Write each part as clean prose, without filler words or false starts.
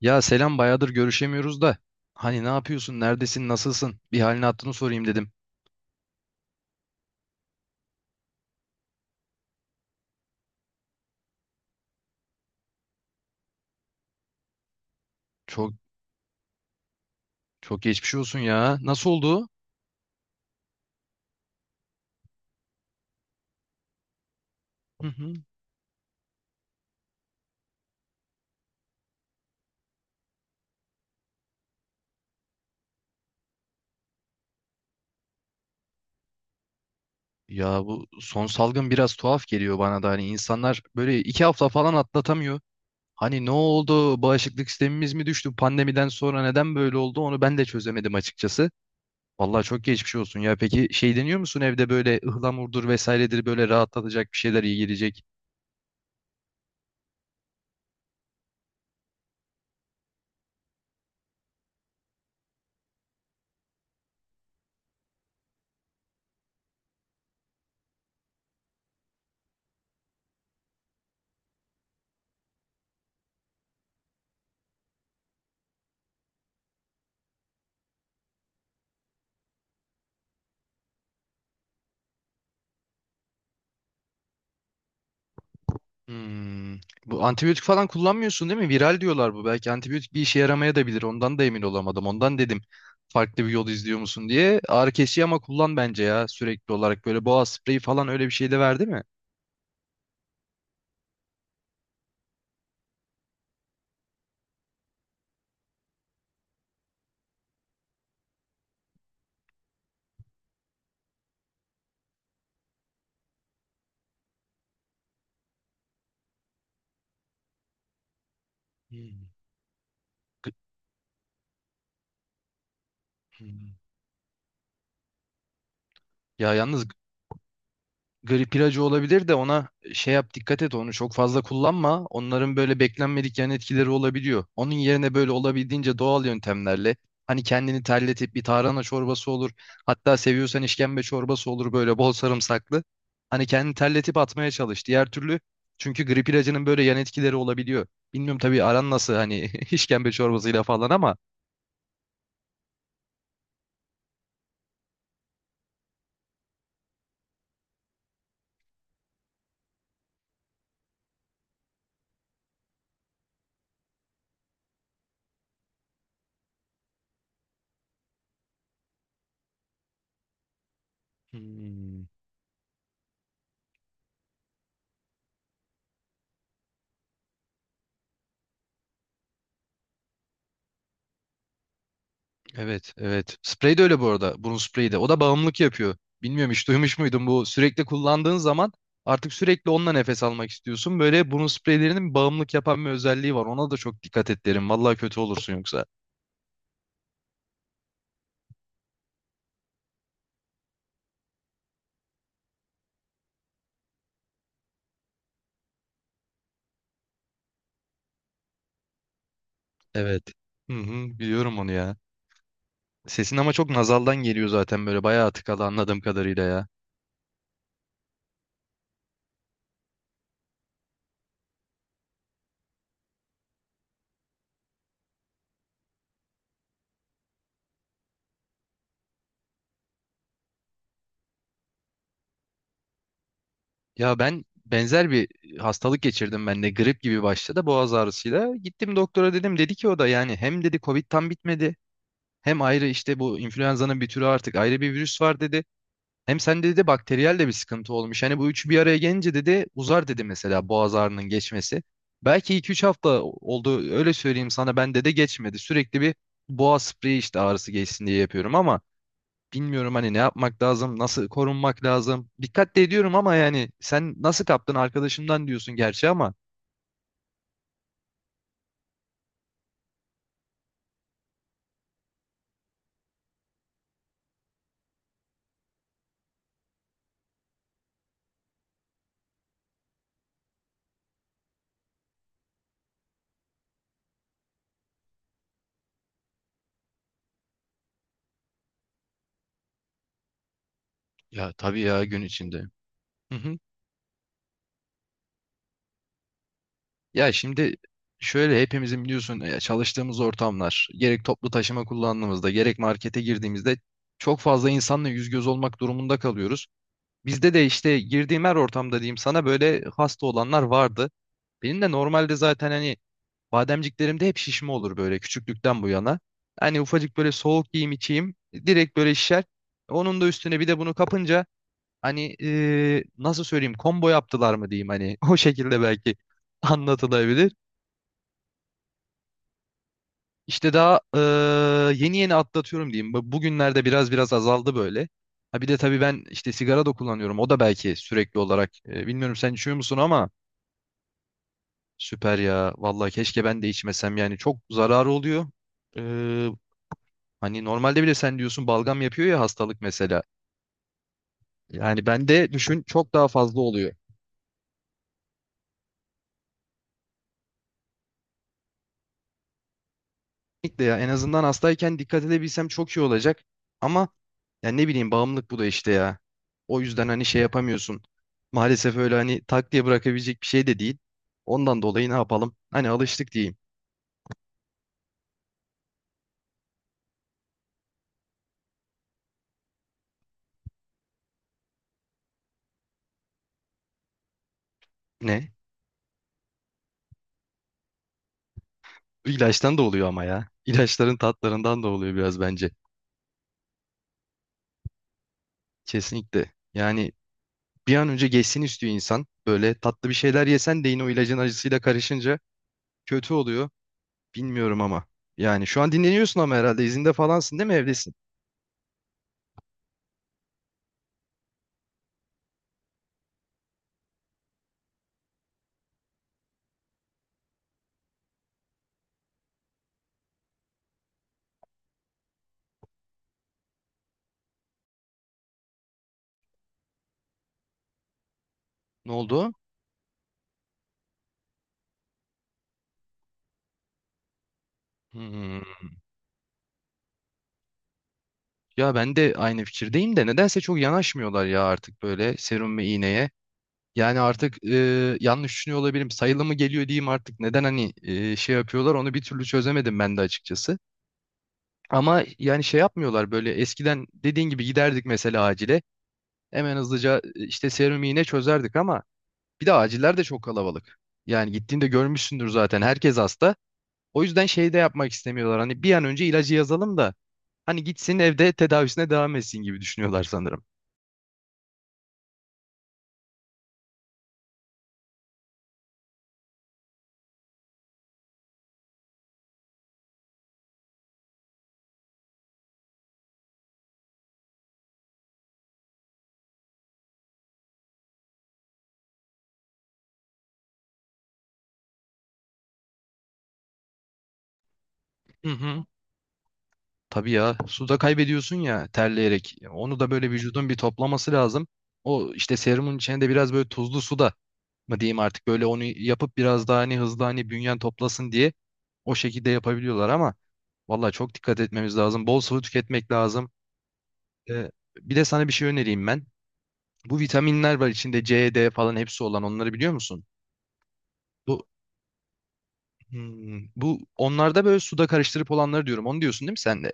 Ya selam, bayağıdır görüşemiyoruz da. Hani ne yapıyorsun? Neredesin? Nasılsın? Bir halini hattını sorayım dedim. Çok çok geçmiş olsun ya. Nasıl oldu? Hı hı. Ya bu son salgın biraz tuhaf geliyor bana da. Hani insanlar böyle iki hafta falan atlatamıyor. Hani ne oldu? Bağışıklık sistemimiz mi düştü? Pandemiden sonra neden böyle oldu? Onu ben de çözemedim açıkçası. Vallahi çok geçmiş olsun ya. Peki şey deniyor musun evde, böyle ıhlamurdur vesairedir, böyle rahatlatacak bir şeyler iyi gelecek? Hmm. Bu antibiyotik falan kullanmıyorsun değil mi? Viral diyorlar bu. Belki antibiyotik bir işe yaramaya da bilir. Ondan da emin olamadım. Ondan dedim farklı bir yol izliyor musun diye. Ağrı kesici ama kullan bence ya, sürekli olarak. Böyle boğaz spreyi falan, öyle bir şey de verdi mi? Hmm. Gı- Hmm. Ya yalnız grip ilacı olabilir de ona şey yap, dikkat et, onu çok fazla kullanma. Onların böyle beklenmedik yan etkileri olabiliyor. Onun yerine böyle olabildiğince doğal yöntemlerle hani kendini terletip bir tarhana çorbası olur. Hatta seviyorsan işkembe çorbası olur böyle bol sarımsaklı. Hani kendini terletip atmaya çalış. Diğer türlü, çünkü grip ilacının böyle yan etkileri olabiliyor. Bilmiyorum tabii aran nasıl hani işkembe çorbasıyla falan ama hmm. Evet, evet. Sprey de öyle bu arada. Burun spreyi de. O da bağımlılık yapıyor. Bilmiyorum, hiç duymuş muydun bu? Sürekli kullandığın zaman artık sürekli onunla nefes almak istiyorsun. Böyle burun spreylerinin bağımlılık yapan bir özelliği var. Ona da çok dikkat et derim. Vallahi kötü olursun yoksa. Evet. Hı hı, biliyorum onu ya. Sesin ama çok nazaldan geliyor zaten, böyle bayağı tıkalı anladığım kadarıyla ya. Ya ben benzer bir hastalık geçirdim, ben de grip gibi başladı, boğaz ağrısıyla. Gittim doktora, dedim, dedi ki o da yani, hem dedi Covid tam bitmedi, hem ayrı işte bu influenza'nın bir türü, artık ayrı bir virüs var dedi. Hem sen dedi bakteriyel de bir sıkıntı olmuş. Hani bu üçü bir araya gelince dedi uzar dedi, mesela boğaz ağrının geçmesi. Belki iki üç hafta oldu, öyle söyleyeyim sana, bende de geçmedi. Sürekli bir boğaz spreyi işte ağrısı geçsin diye yapıyorum ama bilmiyorum hani ne yapmak lazım, nasıl korunmak lazım. Dikkatli ediyorum ama, yani sen nasıl kaptın arkadaşımdan diyorsun gerçi ama. Ya tabii ya, gün içinde. Hı hı. Ya şimdi şöyle, hepimizin biliyorsun çalıştığımız ortamlar, gerek toplu taşıma kullandığımızda, gerek markete girdiğimizde çok fazla insanla yüz göz olmak durumunda kalıyoruz. Bizde de işte girdiğim her ortamda diyeyim sana böyle hasta olanlar vardı. Benim de normalde zaten hani bademciklerimde hep şişme olur böyle küçüklükten bu yana. Hani ufacık böyle soğuk yiyeyim içeyim, direkt böyle şişer. Onun da üstüne bir de bunu kapınca hani nasıl söyleyeyim, combo yaptılar mı diyeyim hani o şekilde belki anlatılabilir. İşte daha yeni yeni atlatıyorum diyeyim. Bugünlerde biraz biraz azaldı böyle. Ha bir de tabii ben işte sigara da kullanıyorum. O da belki sürekli olarak. Bilmiyorum sen içiyor musun ama süper ya. Vallahi keşke ben de içmesem, yani çok zararı oluyor. Eee, Hani normalde bile sen diyorsun balgam yapıyor ya hastalık mesela. Yani bende düşün çok daha fazla oluyor. Kesinlikle ya. En azından hastayken dikkat edebilsem çok iyi olacak. Ama ya ne bileyim, bağımlılık bu da işte ya. O yüzden hani şey yapamıyorsun. Maalesef öyle hani tak diye bırakabilecek bir şey de değil. Ondan dolayı ne yapalım? Hani alıştık diyeyim. Ne? İlaçtan da oluyor ama ya. İlaçların tatlarından da oluyor biraz bence. Kesinlikle. Yani bir an önce geçsin istiyor insan. Böyle tatlı bir şeyler yesen de yine o ilacın acısıyla karışınca kötü oluyor. Bilmiyorum ama. Yani şu an dinleniyorsun ama herhalde izinde falansın değil mi, evdesin? Ne oldu? Hmm. Ya ben de aynı fikirdeyim de nedense çok yanaşmıyorlar ya artık böyle serum ve iğneye. Yani artık yanlış düşünüyor olabilirim. Sayılı mı geliyor diyeyim artık. Neden hani şey yapıyorlar onu bir türlü çözemedim ben de açıkçası. Ama yani şey yapmıyorlar böyle, eskiden dediğin gibi giderdik mesela acile. Hemen hızlıca işte serum iğne çözerdik ama bir de aciller de çok kalabalık. Yani gittiğinde görmüşsündür zaten, herkes hasta. O yüzden şey de yapmak istemiyorlar. Hani bir an önce ilacı yazalım da hani gitsin evde tedavisine devam etsin gibi düşünüyorlar sanırım. Hı hı. Tabii ya, suda kaybediyorsun ya terleyerek. Onu da böyle vücudun bir toplaması lazım. O işte serumun içine de biraz böyle tuzlu suda mı diyeyim artık, böyle onu yapıp biraz daha hani hızlı hani bünyen toplasın diye o şekilde yapabiliyorlar ama vallahi çok dikkat etmemiz lazım. Bol sıvı tüketmek lazım. Ee, Bir de sana bir şey önereyim ben. Bu vitaminler var içinde C, D falan hepsi olan, onları biliyor musun? Bu bu onlarda böyle suda karıştırıp olanları diyorum. Onu diyorsun değil mi sen de?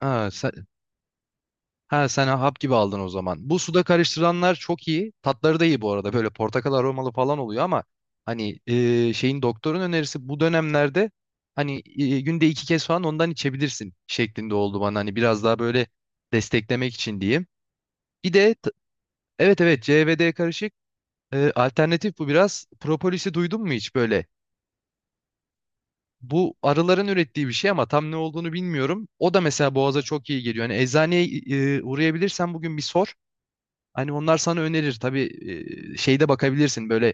Ha sen, ha sen hap gibi aldın o zaman. Bu suda karıştıranlar çok iyi. Tatları da iyi bu arada. Böyle portakal aromalı falan oluyor ama hani şeyin, doktorun önerisi bu dönemlerde hani günde iki kez falan ondan içebilirsin şeklinde oldu bana. Hani biraz daha böyle desteklemek için diyeyim. Bir de t- evet, evet, CBD karışık. Alternatif bu biraz. Propolis'i duydun mu hiç böyle? Bu arıların ürettiği bir şey ama tam ne olduğunu bilmiyorum. O da mesela boğaza çok iyi geliyor. Hani eczaneye uğrayabilirsen bugün bir sor. Hani onlar sana önerir. Tabii şeyde bakabilirsin böyle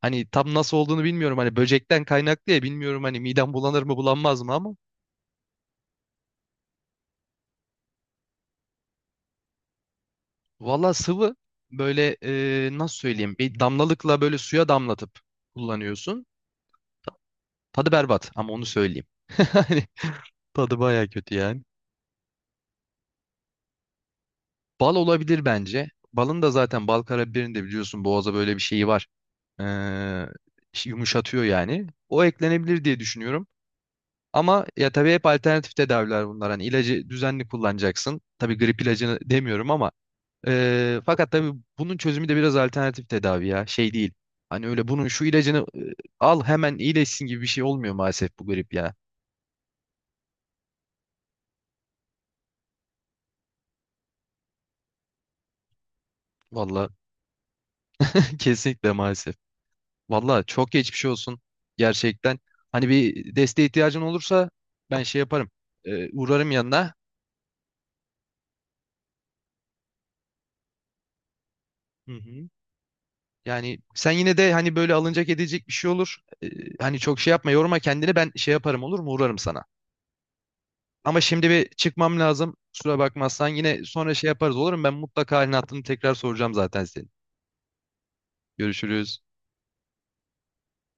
hani tam nasıl olduğunu bilmiyorum. Hani böcekten kaynaklı ya, bilmiyorum hani midem bulanır mı bulanmaz mı ama valla sıvı, böyle nasıl söyleyeyim, bir damlalıkla böyle suya damlatıp kullanıyorsun. Tadı berbat ama, onu söyleyeyim. Hani tadı baya kötü yani. Bal olabilir bence. Balın da zaten, bal karabiberin de biliyorsun boğaza böyle bir şeyi var. Ee, Yumuşatıyor yani. O eklenebilir diye düşünüyorum. Ama ya tabii hep alternatif tedaviler bunlar. Hani ilacı düzenli kullanacaksın. Tabii grip ilacını demiyorum ama fakat tabii bunun çözümü de biraz alternatif tedavi ya. Şey değil. Hani öyle bunun şu ilacını al hemen iyileşsin gibi bir şey olmuyor maalesef bu grip ya. Valla kesinlikle maalesef. Valla çok geçmiş olsun gerçekten. Hani bir desteğe ihtiyacın olursa ben şey yaparım. Uğrarım yanına. Hı hı. Yani sen yine de hani böyle alınacak edilecek bir şey olur. Ee, Hani çok şey yapma, yorma kendini, ben şey yaparım olur mu, uğrarım sana. Ama şimdi bir çıkmam lazım. Kusura bakmazsan yine sonra şey yaparız olur mu? Ben mutlaka halini hattını tekrar soracağım zaten senin. Görüşürüz.